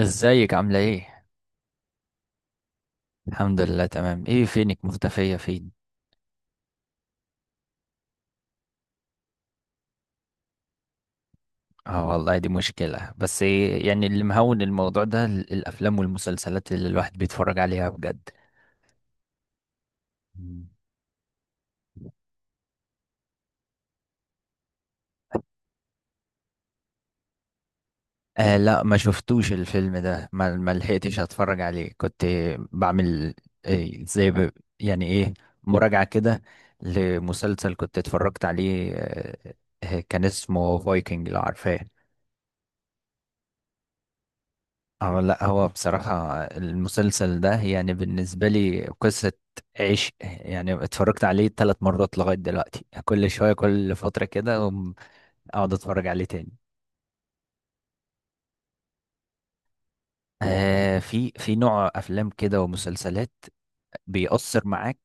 ازيك عاملة ايه؟ الحمد لله تمام. ايه فينك مختفية فين؟ اه والله دي مشكلة. بس إيه يعني اللي مهون الموضوع ده الأفلام والمسلسلات اللي الواحد بيتفرج عليها بجد. مم. آه لا ما شفتوش الفيلم ده، ما لحقتش اتفرج عليه. كنت بعمل إيه زي ب... يعني ايه، مراجعة كده لمسلسل كنت اتفرجت عليه. كان اسمه فايكنج، لو عارفاه. اه لا، هو بصراحة المسلسل ده يعني بالنسبة لي قصة عشق. يعني اتفرجت عليه ثلاث مرات لغاية دلوقتي، كل شوية كل فترة كده أقوم اقعد اتفرج عليه تاني. آه، في نوع افلام كده ومسلسلات بيأثر معاك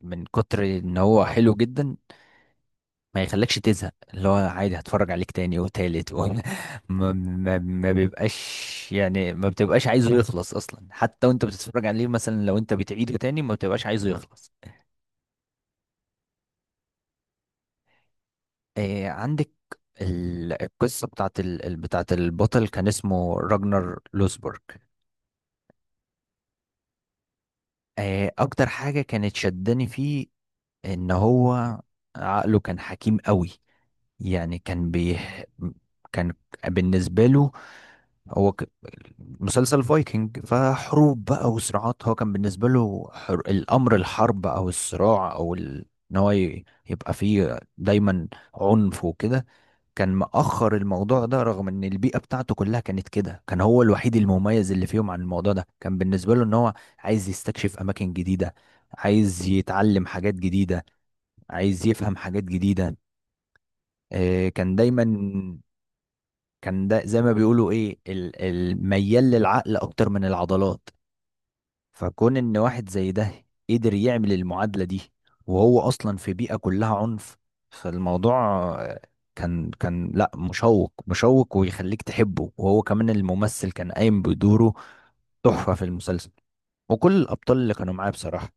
من كتر ان هو حلو جدا، ما يخلكش تزهق. اللي هو عادي هتفرج عليك تاني وتالت ما بيبقاش، يعني ما بتبقاش عايزه يخلص اصلا. حتى وانت بتتفرج عليه مثلا، لو انت بتعيده تاني ما بتبقاش عايزه يخلص. إيه عندك القصة بتاعت البطل، كان اسمه راجنر لوسبورg. إيه أكتر حاجة كانت شداني فيه، إن هو عقله كان حكيم قوي. يعني كان بي كان بالنسبة له هو ك... مسلسل فايكنج فحروب بقى وصراعات، هو كان بالنسبة له الأمر الحرب أو الصراع أو ال... إن هو ي... يبقى فيه دايما عنف وكده، كان مأخر الموضوع ده. رغم ان البيئة بتاعته كلها كانت كده، كان هو الوحيد المميز اللي فيهم عن الموضوع ده. كان بالنسبة له ان هو عايز يستكشف اماكن جديدة، عايز يتعلم حاجات جديدة، عايز يفهم حاجات جديدة. كان دايما كان ده زي ما بيقولوا ايه، الميال للعقل اكتر من العضلات. فكون ان واحد زي ده قدر يعمل المعادلة دي وهو اصلا في بيئة كلها عنف، فالموضوع آه، كان لا، مشوق ويخليك تحبه. وهو كمان الممثل كان قايم بدوره، تحفة في المسلسل، وكل الابطال اللي كانوا معاه بصراحة.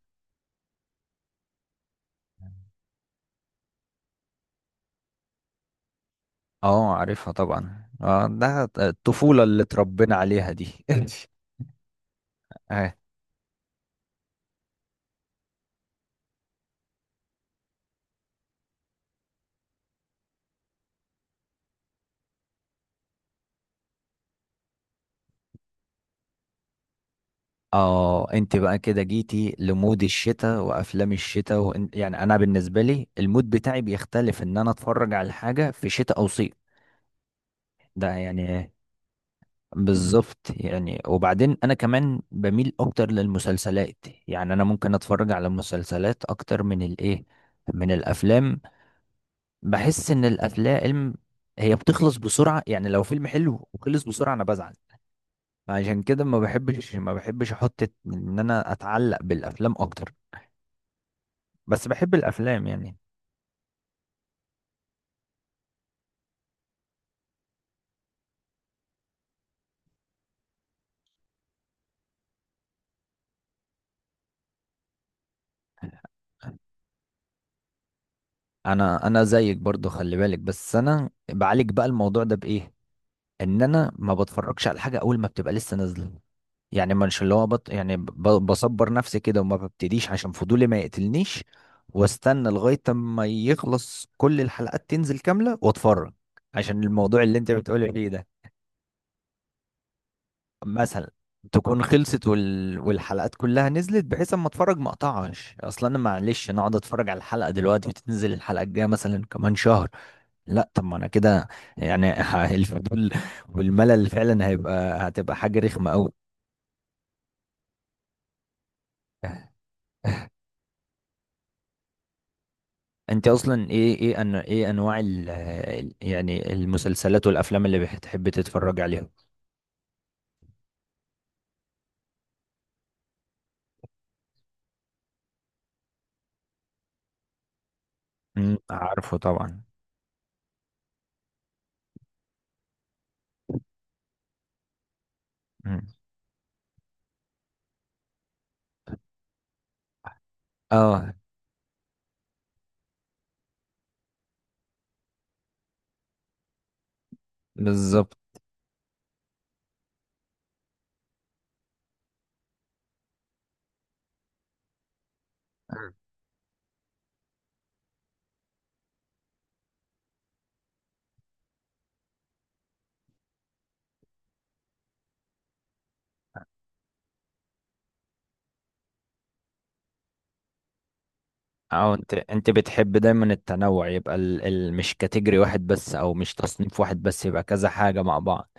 اه عارفها طبعا، اه ده الطفولة اللي اتربينا عليها دي. اه انت بقى كده جيتي لمود الشتاء وافلام الشتاء يعني انا بالنسبه لي المود بتاعي بيختلف ان انا اتفرج على حاجه في شتاء او صيف. ده يعني بالظبط. يعني وبعدين انا كمان بميل اكتر للمسلسلات، يعني انا ممكن اتفرج على مسلسلات اكتر من الايه، من الافلام. بحس ان الافلام هي بتخلص بسرعه، يعني لو فيلم حلو وخلص بسرعه انا بزعل. عشان كده ما بحبش احط ان انا اتعلق بالافلام اكتر، بس بحب الافلام يعني. انا زيك برضو، خلي بالك، بس انا بعالج بقى الموضوع ده بايه، ان انا ما بتفرجش على حاجه اول ما بتبقى لسه نازله. يعني مش اللي هو بط... يعني ب... بصبر نفسي كده وما ببتديش عشان فضولي ما يقتلنيش، واستنى لغايه ما يخلص كل الحلقات تنزل كامله واتفرج، عشان الموضوع اللي انت بتقولي فيه ده. مثلا تكون خلصت والحلقات كلها نزلت، بحيث اما اتفرج ما اقطعش اصلا. انا معلش انا اقعد اتفرج على الحلقه دلوقتي وتنزل الحلقه الجايه مثلا كمان شهر، لا. طب ما انا كده يعني الفضول والملل فعلا هتبقى حاجه رخمه قوي. انت اصلا ايه انواع يعني المسلسلات والافلام اللي بتحب تتفرج عليها؟ عارفه طبعا. امم. اه. بالظبط. اه انت بتحب دايما التنوع، يبقى مش كاتيجوري واحد بس او مش تصنيف واحد بس، يبقى كذا حاجة مع بعض.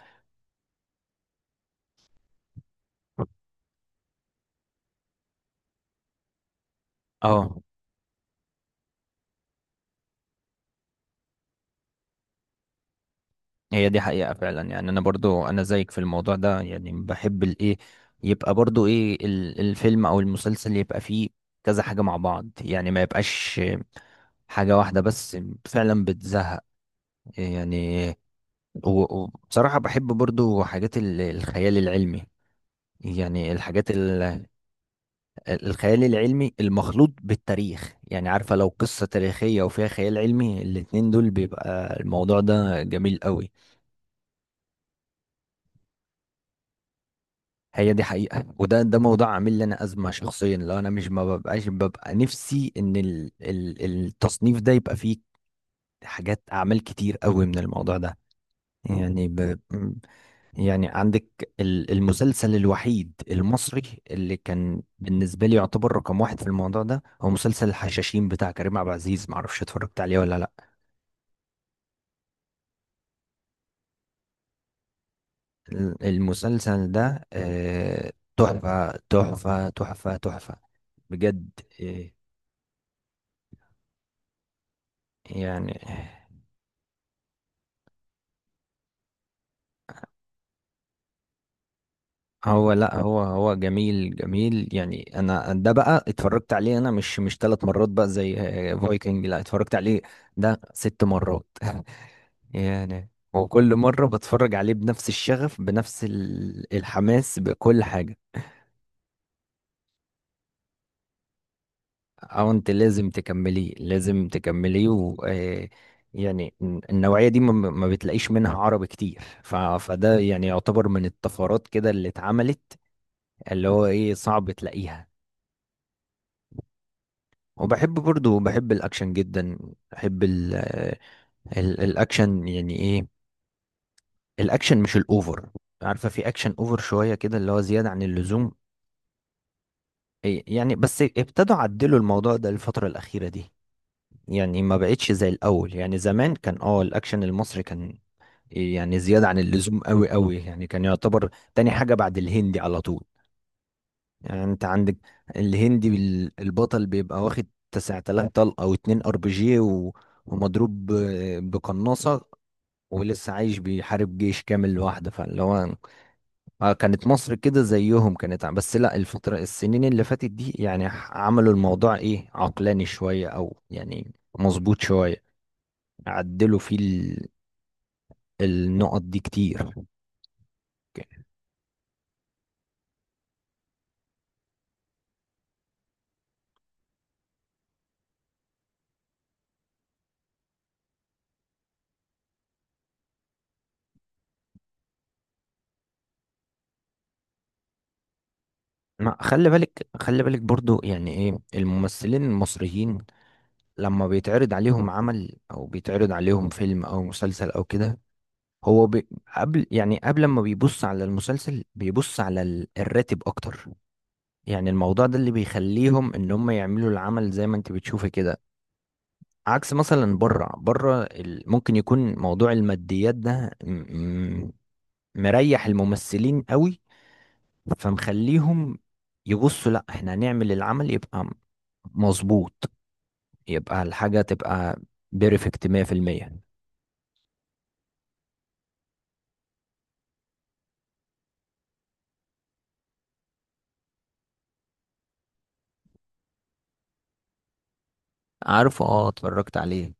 اه، هي دي حقيقة فعلا. يعني انا برضو انا زيك في الموضوع ده، يعني بحب الايه، يبقى برضو ايه الفيلم او المسلسل يبقى فيه كذا حاجة مع بعض، يعني ما يبقاش حاجة واحدة بس، فعلا بتزهق يعني. وبصراحة بحب برضو حاجات الخيال العلمي، يعني الخيال العلمي المخلوط بالتاريخ. يعني عارفة لو قصة تاريخية وفيها خيال علمي، الاتنين دول بيبقى الموضوع ده جميل قوي. هي دي حقيقة، وده موضوع عامل لي انا ازمة شخصيا. لو انا مش، ما ببقاش ببقى نفسي ان ال ال التصنيف ده يبقى فيه حاجات، اعمال كتير قوي من الموضوع ده. يعني ب... يعني عندك المسلسل الوحيد المصري اللي كان بالنسبة لي يعتبر رقم واحد في الموضوع ده، هو مسلسل الحشاشين بتاع كريم عبد العزيز. معرفش اتفرجت عليه ولا لا. المسلسل ده تحفة تحفة تحفة تحفة، بجد. آه، يعني هو لا، هو جميل جميل. يعني انا ده بقى اتفرجت عليه انا، مش ثلاث مرات بقى زي فايكنج، لا اتفرجت عليه ده ست مرات يعني. وكل مرة بتفرج عليه بنفس الشغف بنفس الحماس بكل حاجة. او انت لازم تكمليه، لازم تكمليه. و آه، يعني النوعية دي ما بتلاقيش منها عربي كتير، فده يعني يعتبر من الطفرات كده اللي اتعملت، اللي هو ايه، صعب تلاقيها. وبحب برضو، بحب الاكشن جدا. بحب الاكشن، يعني ايه، الاكشن مش الاوفر. عارفة في اكشن اوفر شوية كده اللي هو زيادة عن اللزوم. إيه، يعني بس ابتدوا عدلوا الموضوع ده الفترة الأخيرة دي، يعني ما بقتش زي الأول. يعني زمان كان اه الأكشن المصري كان يعني زيادة عن اللزوم قوي قوي، يعني كان يعتبر تاني حاجة بعد الهندي على طول. يعني انت عندك الهندي، البطل بيبقى واخد 9000 طلقة او 2 ار بي جي ومضروب بقناصة، ولسه عايش بيحارب جيش كامل لوحده. فاللي هو كانت مصر كده زيهم، بس لا، الفترة السنين اللي فاتت دي يعني عملوا الموضوع ايه، عقلاني شوية او يعني مظبوط شوية، عدلوا فيه النقط دي كتير. اوكي. ما خلي بالك، خلي بالك برضو، يعني ايه الممثلين المصريين لما بيتعرض عليهم عمل او بيتعرض عليهم فيلم او مسلسل او كده، هو بي قبل، يعني قبل ما بيبص على المسلسل بيبص على الراتب اكتر. يعني الموضوع ده اللي بيخليهم ان هم يعملوا العمل زي ما انت بتشوفي كده. عكس مثلا بره ممكن يكون موضوع الماديات ده م- مريح الممثلين قوي، فمخليهم يبصوا لا احنا هنعمل العمل، يبقى مظبوط، يبقى الحاجة تبقى بيرفكت 100%. عارفه اه اتفرجت عليه.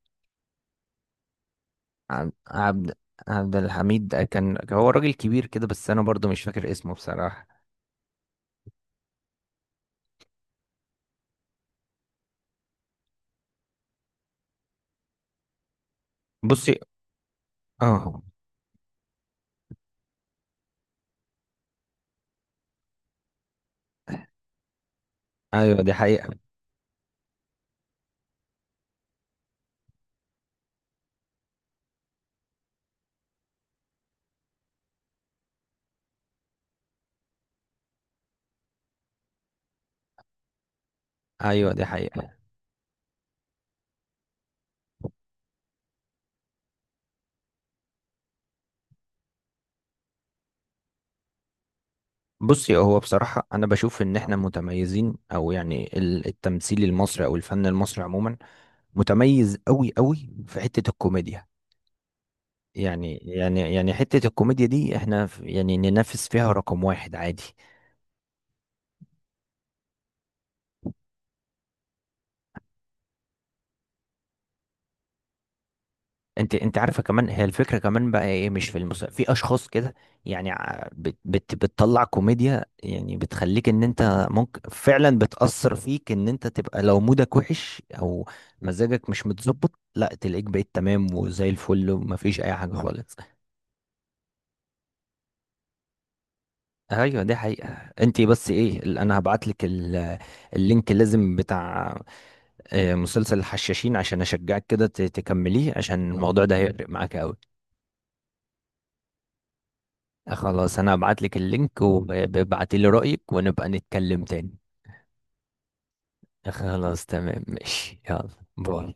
عب- عبد عبد الحميد ده كان، هو راجل كبير كده، بس انا برضو مش فاكر اسمه بصراحة. بصي، اه. ايوه دي حقيقة. ايوه دي حقيقة. بصي، هو بصراحة انا بشوف ان احنا متميزين، او يعني التمثيل المصري او الفن المصري عموما متميز قوي قوي في حتة الكوميديا. يعني حتة الكوميديا دي احنا يعني ننافس فيها رقم واحد عادي. انت عارفة كمان، هي الفكرة كمان بقى ايه، مش في في اشخاص كده يعني بتطلع كوميديا يعني بتخليك ان انت ممكن فعلا بتأثر فيك ان انت تبقى، لو مودك وحش او مزاجك مش متظبط لا تلاقيك بقيت تمام وزي الفل ومفيش اي حاجة خالص. ايوه دي حقيقة. انت بس ايه انا هبعت لك اللينك لازم بتاع مسلسل الحشاشين عشان اشجعك كده تكمليه، عشان الموضوع ده هيفرق معاك قوي. خلاص انا هبعت لك اللينك، وابعتي لي رأيك ونبقى نتكلم تاني. خلاص تمام، ماشي، يلا، باي.